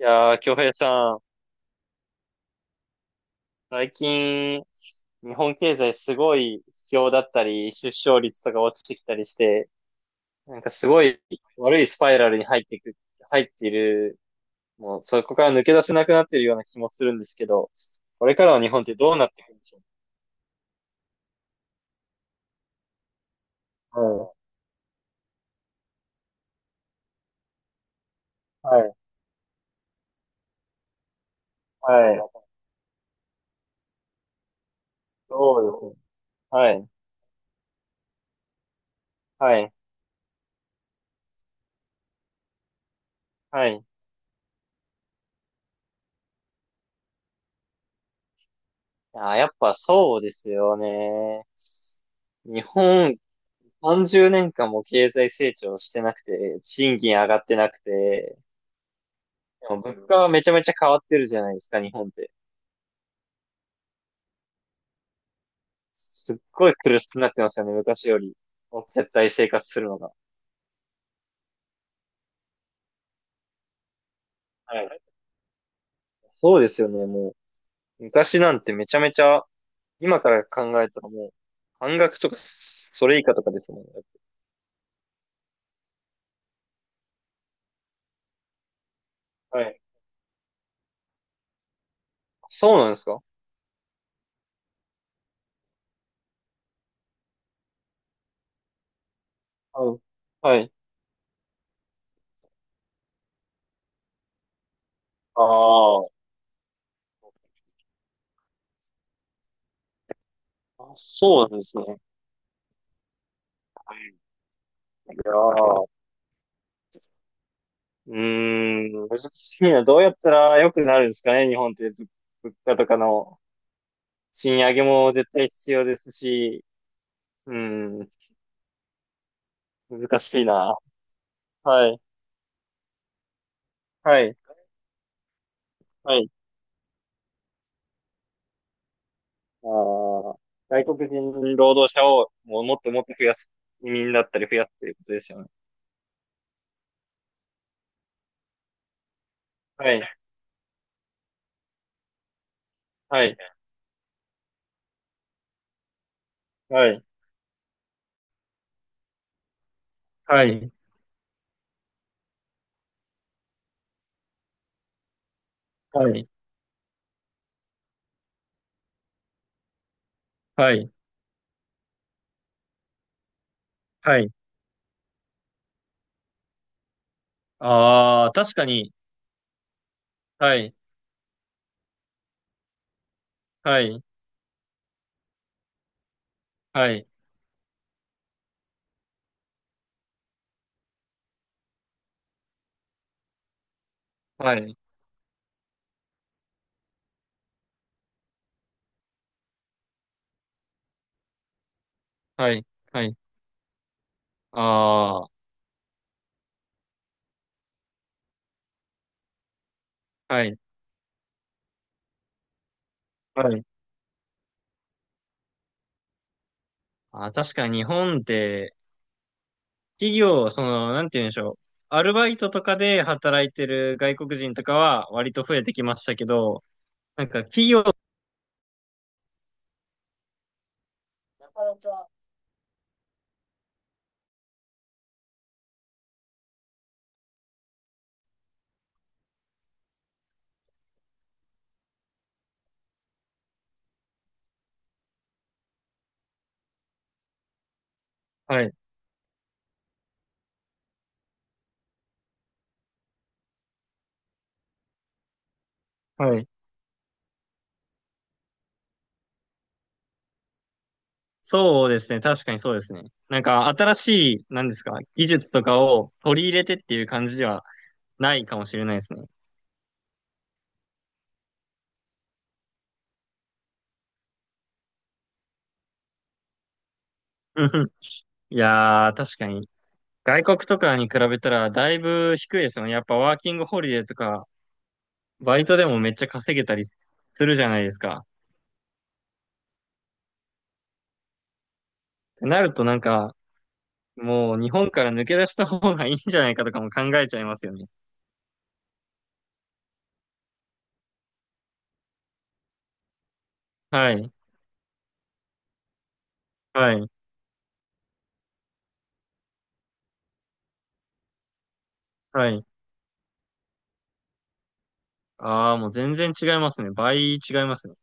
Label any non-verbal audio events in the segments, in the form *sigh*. いやー、京平さん、最近、日本経済すごい不況だったり、出生率とか落ちてきたりして、なんかすごい悪いスパイラルに入っている、もうそこから抜け出せなくなっているような気もするんですけど、これからの日本ってどうなっていくんでしょうか？はい、はい、はい。そうですね。はい、はい、はい。あー、やっぱそうですよね。日本30年間も経済成長してなくて、賃金上がってなくて、でも物価はめちゃめちゃ変わってるじゃないですか、日本って。すっごい苦しくなってますよね、昔より。絶対生活するのが。はい。そうですよね、もう。昔なんてめちゃめちゃ、今から考えたらもう、半額とか、それ以下とかですもんね。はい。そうなんですか？はい。はい。あー、あ、そうなんですね。はい。いやー、うーん、難しいな。どうやったら良くなるんですかね、日本って、物価とかの賃上げも絶対必要ですし、うん、難しいな。はい、はい、はい。あー、外国人労働者をもうもっともっと増やす、移民だったり増やすということですよね。はい、はい、はい、はい、はい、はい、はい。ああ、確かに。はい、はい、はい、はい、はい、はい。ああ、はい、はい。あ、確かに日本って、企業、その、なんて言うんでしょう。アルバイトとかで働いてる外国人とかは割と増えてきましたけど、なんか企業、なかなか。はい、はい。そうですね。確かにそうですね。なんか新しい、なんですか、技術とかを取り入れてっていう感じではないかもしれないですね。うんふん。いやー、確かに。外国とかに比べたらだいぶ低いですよね。やっぱワーキングホリデーとか、バイトでもめっちゃ稼げたりするじゃないですか。てなるとなんか、もう日本から抜け出した方がいいんじゃないかとかも考えちゃいますよね。はい。はい。はい。ああ、もう全然違いますね。倍違いますね。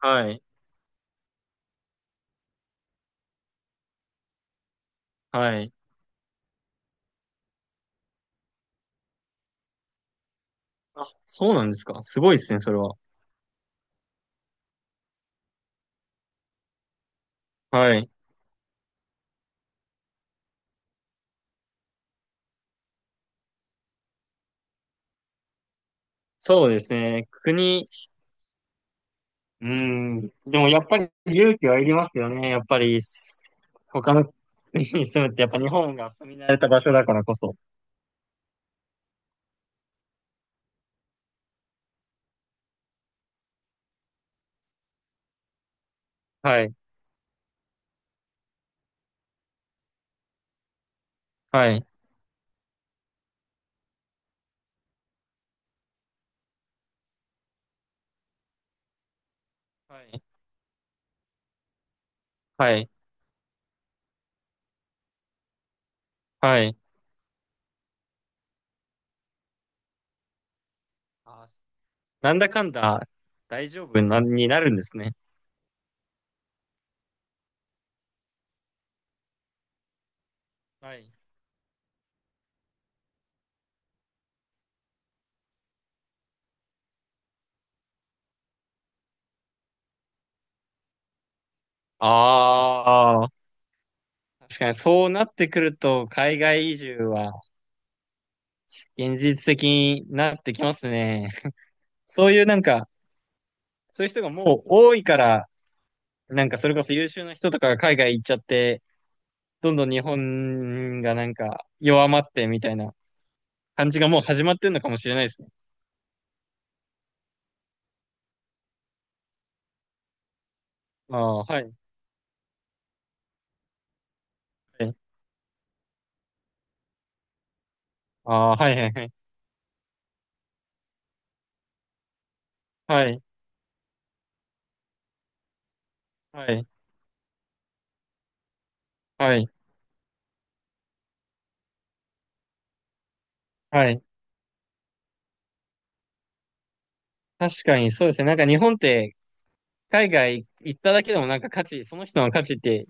はい。はい。あ、そうなんですか。すごいですね、それは。はい。そうですね。国、うーん。でもやっぱり勇気はいりますよね。やっぱり、他の *laughs* 国に住むってやっぱ日本が住み慣れた場所だからこそ。はい。はい。はい。はい。はい。あー、なんだかんだ大丈夫な、になるんですね。はい。ああ、確かにそうなってくると、海外移住は現実的になってきますね。そういうなんか、そういう人がもう多いから、なんかそれこそ優秀な人とかが海外行っちゃって、どんどん日本がなんか弱まってみたいな感じがもう始まってるのかもしれないですね。ああ、はい。はい。ああ、はいはいはい。はい。はい。はい。はい。確かにそうですね。なんか日本って海外行っただけでもなんか価値、その人の価値って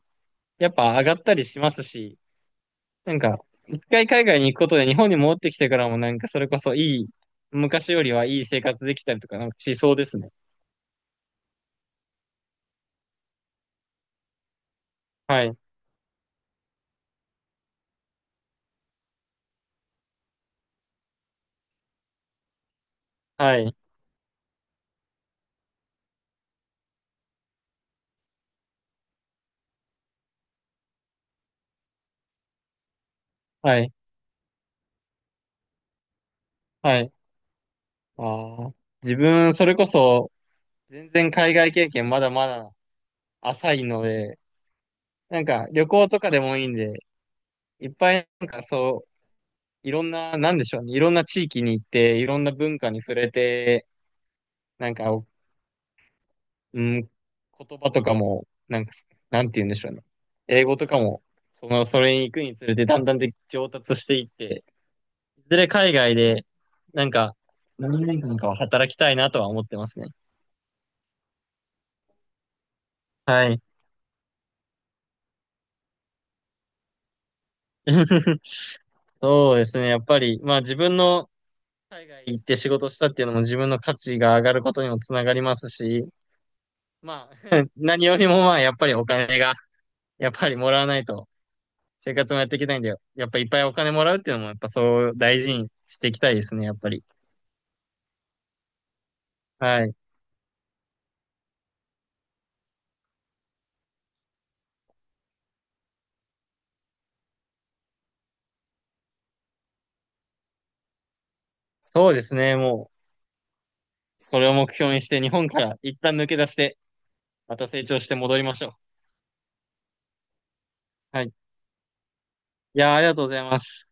やっぱ上がったりしますし、なんか一回海外に行くことで日本に戻ってきてからもなんかそれこそ昔よりはいい生活できたりとかなんかしそうですね。はい、はい、はい、はい。ああ、自分それこそ全然海外経験まだまだ浅いので、なんか旅行とかでもいいんで、いっぱいなんかそう、いろんな、なんでしょうね、いろんな地域に行って、いろんな文化に触れて、なんか、うん、言葉とかも、なんか、なんて言うんでしょうね。英語とかも、その、それに行くにつれて、だんだんで上達していって、いずれ海外で、なんか、何年間かは働きたいなとは思ってますね。はい。*laughs* そうですね。やっぱり、まあ自分の海外行って仕事したっていうのも自分の価値が上がることにもつながりますし、まあ *laughs*、何よりもまあやっぱりお金が、やっぱりもらわないと生活もやっていきたいんだよ。やっぱいっぱいお金もらうっていうのも、やっぱそう大事にしていきたいですね、やっぱり。はい。そうですね、もう、それを目標にして日本から一旦抜け出して、また成長して戻りましょう。はい。いやー、ありがとうございます。